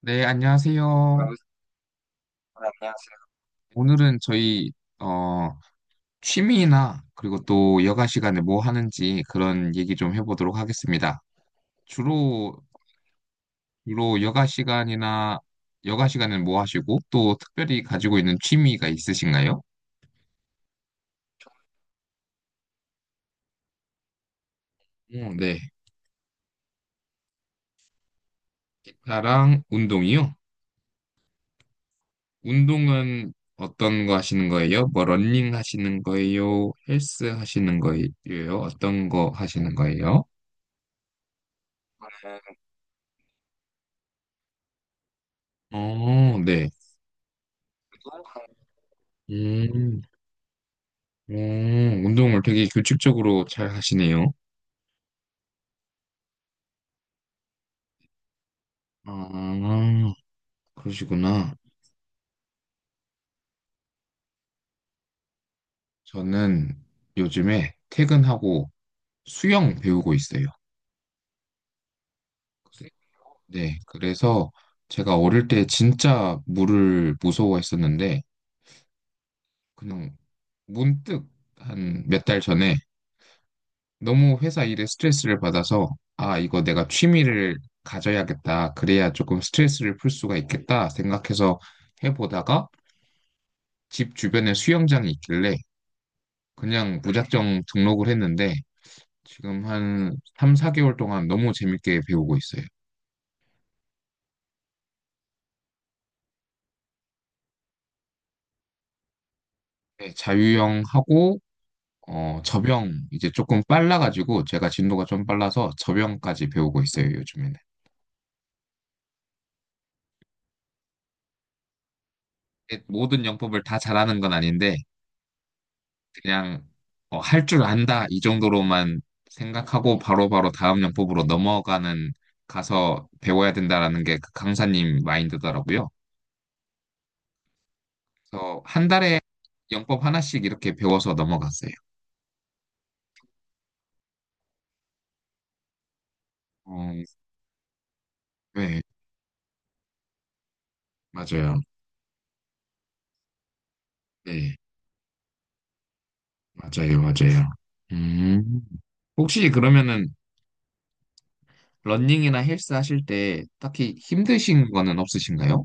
네, 안녕하세요. 네, 안녕하세요. 오늘은 저희 어, 취미나 그리고 또 여가 시간에 뭐 하는지 그런 얘기 좀 해보도록 하겠습니다. 주로 주로 여가 시간이나 여가 시간은 뭐 하시고 또 특별히 가지고 있는 취미가 있으신가요? 어, 네. 기타랑 운동이요. 운동은 어떤 거 하시는 거예요? 뭐 러닝 하시는 거예요? 헬스 하시는 거예요? 어떤 거 하시는 거예요? 어, 네. 음. 오, 운동을 되게 규칙적으로 잘 하시네요. 아, 그러시구나. 저는 요즘에 퇴근하고 수영 배우고 있어요. 그래- 네, 그래서 제가 어릴 때 진짜 물을 무서워했었는데, 그냥 문득 한 몇 달 전에 너무 회사 일에 스트레스를 받아서, 아, 이거 내가 취미를 가져야겠다. 그래야 조금 스트레스를 풀 수가 있겠다 생각해서 해보다가, 집 주변에 수영장이 있길래 그냥 네. 무작정 등록을 했는데 지금 한 3, 4개월 동안 너무 재밌게 배우고 있어요. 네, 자유형 하고 접영 이제 조금 빨라가지고 제가 진도가 좀 빨라서 접영까지 배우고 있어요, 요즘에는. 네, 모든 영법을 다 잘하는 건 아닌데 그냥 할줄 안다 이 정도로만 생각하고 바로바로 다음 영법으로 넘어가는 가서 배워야 된다라는 게 그 강사님 마인드더라고요. 그래서 한 달에 영법 하나씩 이렇게 배워서 넘어갔어요. 어, 네, 맞아요. 네, 맞아요, 맞아요. 음, 혹시 그러면은 러닝이나 헬스 하실 때 딱히 힘드신 거는 없으신가요?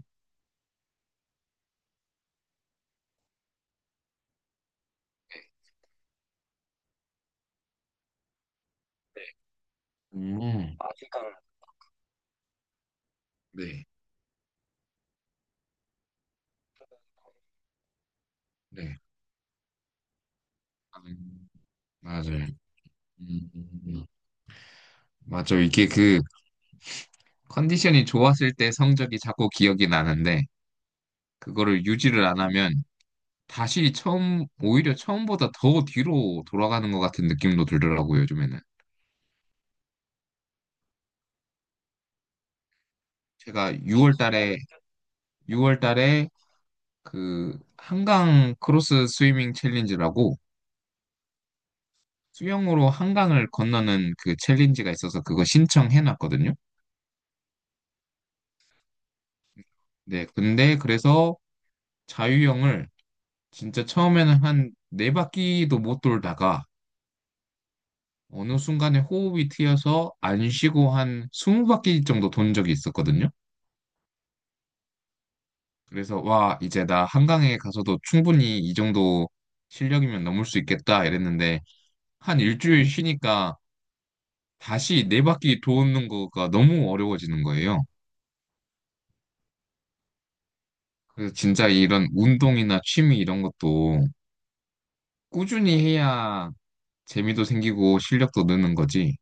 네. 음, 네, 네. 음, 맞아요. 음, 맞아요. 이게 그 컨디션이 좋았을 때 성적이 자꾸 기억이 나는데 그거를 유지를 안 하면 다시 처음, 오히려 처음보다 더 뒤로 돌아가는 것 같은 느낌도 들더라고요, 요즘에는. 제가 6월 달에, 6월 달에 그 한강 크로스 스위밍 챌린지라고 수영으로 한강을 건너는 그 챌린지가 있어서 그거 신청해놨거든요. 네, 근데 그래서 자유형을 진짜 처음에는 한 네 바퀴도 못 돌다가 어느 순간에 호흡이 트여서 안 쉬고 한 20바퀴 정도 돈 적이 있었거든요. 그래서 와, 이제 나 한강에 가서도 충분히 이 정도 실력이면 넘을 수 있겠다 이랬는데 한 일주일 쉬니까 다시 4바퀴 도는 거가 너무 어려워지는 거예요. 그래서 진짜 이런 운동이나 취미 이런 것도 꾸준히 해야 재미도 생기고 실력도 느는 거지.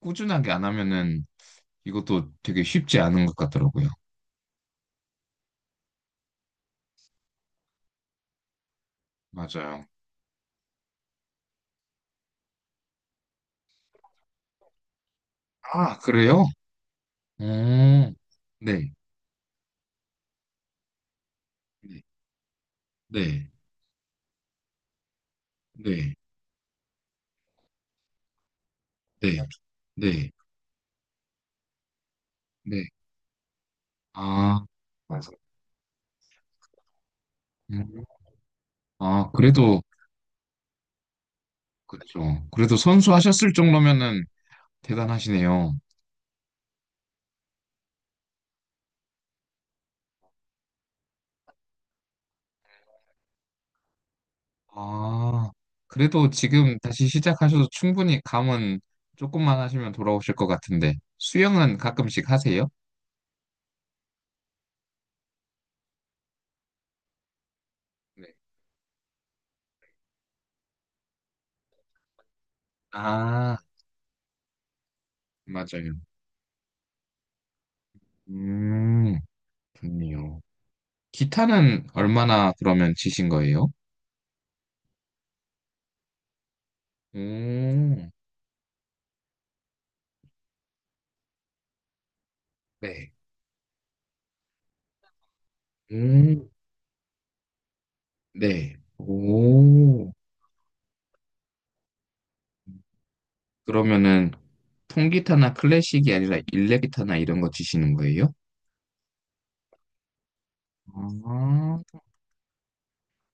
꾸준하게 안 하면은 이것도 되게 쉽지 않은 것 같더라고요. 맞아요. 아, 그래요? 오, 네. 네. 네. 네. 네. 네. 네. 아, 그래서 음. 아, 그래도, 그렇죠. 그래도 선수하셨을 정도면은 대단하시네요. 아, 그래도 지금 다시 시작하셔도 충분히 감은 조금만 하시면 돌아오실 것 같은데, 수영은 가끔씩 하세요? 네. 아, 맞아요. 음, 좋네요. 기타는 얼마나 그러면 치신 거예요? 오, 네. 음, 네. 오. 그러면은 통기타나 클래식이 아니라 일렉기타나 이런 거 치시는 거예요? 아,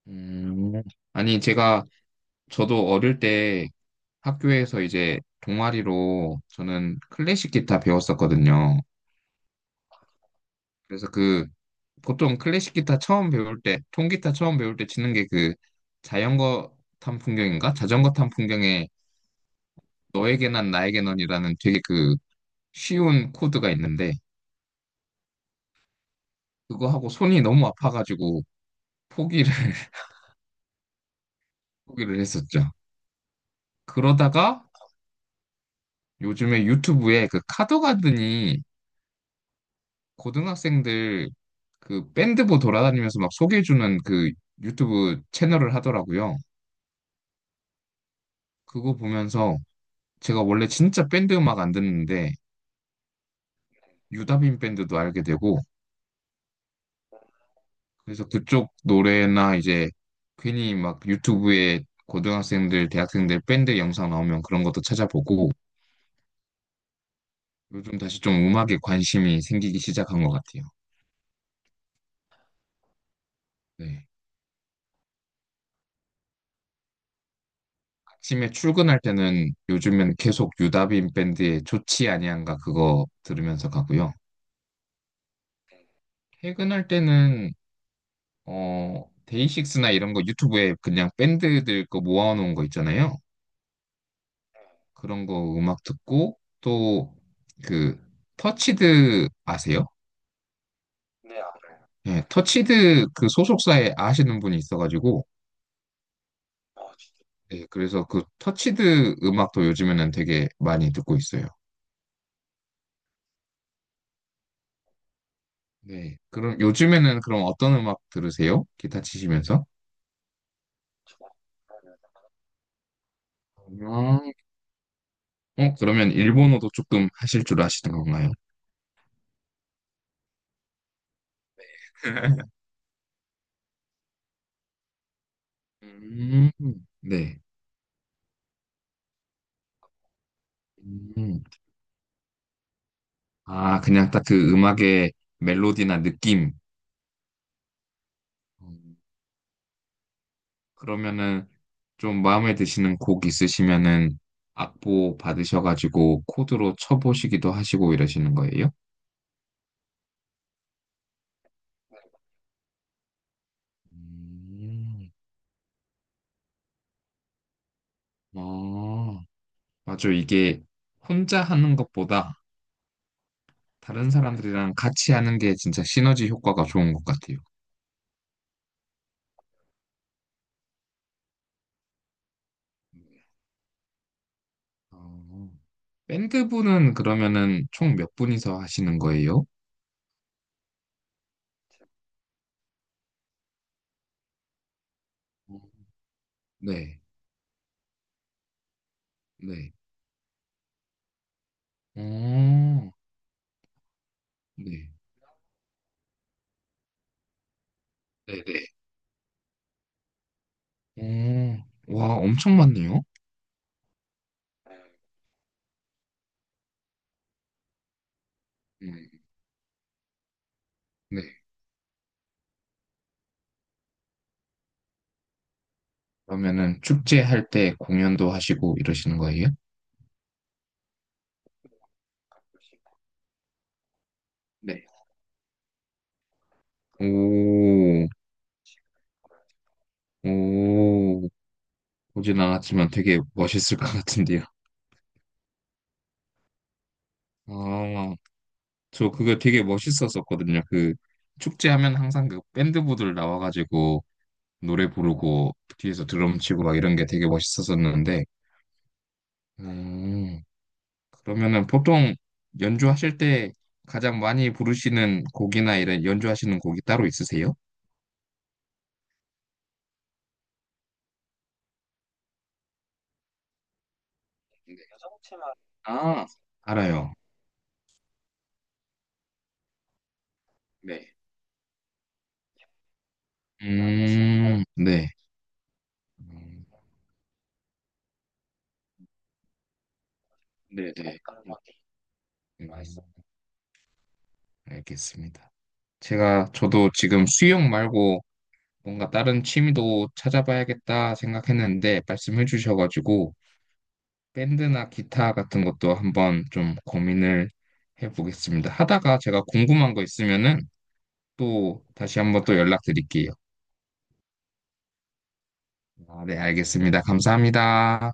음. 아니, 제가, 저도 어릴 때 학교에서 이제 동아리로 저는 클래식 기타 배웠었거든요. 그래서 그, 보통 클래식 기타 처음 배울 때, 통기타 처음 배울 때 치는 게 그, 자전거 탄 풍경인가? 자전거 탄 풍경에 너에게 난 나에게 넌이라는 되게 그, 쉬운 코드가 있는데, 그거 하고 손이 너무 아파가지고 포기를 포기를 했었죠. 그러다가 요즘에 유튜브에 그 카더가든이 고등학생들 그 밴드부 돌아다니면서 막 소개해주는 그 유튜브 채널을 하더라고요. 그거 보면서 제가 원래 진짜 밴드 음악 안 듣는데 유다빈 밴드도 알게 되고 그래서 그쪽 노래나 이제 괜히 막 유튜브에 고등학생들, 대학생들 밴드 영상 나오면 그런 것도 찾아보고 요즘 다시 좀 음악에 관심이 생기기 시작한 것 같아요. 네. 아침에 출근할 때는 요즘엔 계속 유다빈 밴드의 좋지 아니한가 그거 들으면서 가고요. 퇴근할 때는 어 데이식스나 이런 거 유튜브에 그냥 밴드들 거 모아놓은 거 있잖아요. 그런 거 음악 듣고 또 그 터치드 아세요? 네, 알아요. 예, 터치드 그 소속사에 아시는 분이 있어가지고 아, 진짜. 예, 그래서 그 터치드 음악도 요즘에는 되게 많이 듣고 있어요. 네. 그럼 요즘에는 그럼 어떤 음악 들으세요? 기타 치시면서? 아, 그러면 일본어도 조금 하실 줄 아시는 건가요? 음, 네. 음, 아, 그냥 딱 그 음악의 멜로디나 느낌. 음, 그러면은 좀 마음에 드시는 곡 있으시면은 악보 받으셔가지고 코드로 쳐보시기도 하시고 이러시는 거예요? 음, 아, 맞아. 이게 혼자 하는 것보다 다른 사람들이랑 같이 하는 게 진짜 시너지 효과가 좋은 것 같아요. 어, 밴드부는 그러면은 총 몇 분이서 하시는 거예요? 네, 네. 오, 네, 네, 네. 오, 와, 엄청 많네요. 음, 네. 그러면은 축제 할 때 공연도 하시고 이러시는 거예요? 네. 오, 오, 보진 않았지만 되게 멋있을 것 같은데요. 아, 저 그거 되게 멋있었었거든요. 그 축제하면 항상 그 밴드부들 나와가지고 노래 부르고 뒤에서 드럼 치고 막 이런 게 되게 멋있었었는데, 음, 그러면은 보통 연주하실 때 가장 많이 부르시는 곡이나 이런 연주하시는 곡이 따로 있으세요? 네. 아, 알아요. 네. 네. 음, 네, 네. 음, 알겠습니다. 제가 저도 지금 수영 말고 뭔가 다른 취미도 찾아봐야겠다 생각했는데 말씀해 주셔가지고 밴드나 기타 같은 것도 한번 좀 고민을 해보겠습니다. 하다가 제가 궁금한 거 있으면은 또 다시 한번 또 연락드릴게요. 아, 네, 알겠습니다. 감사합니다.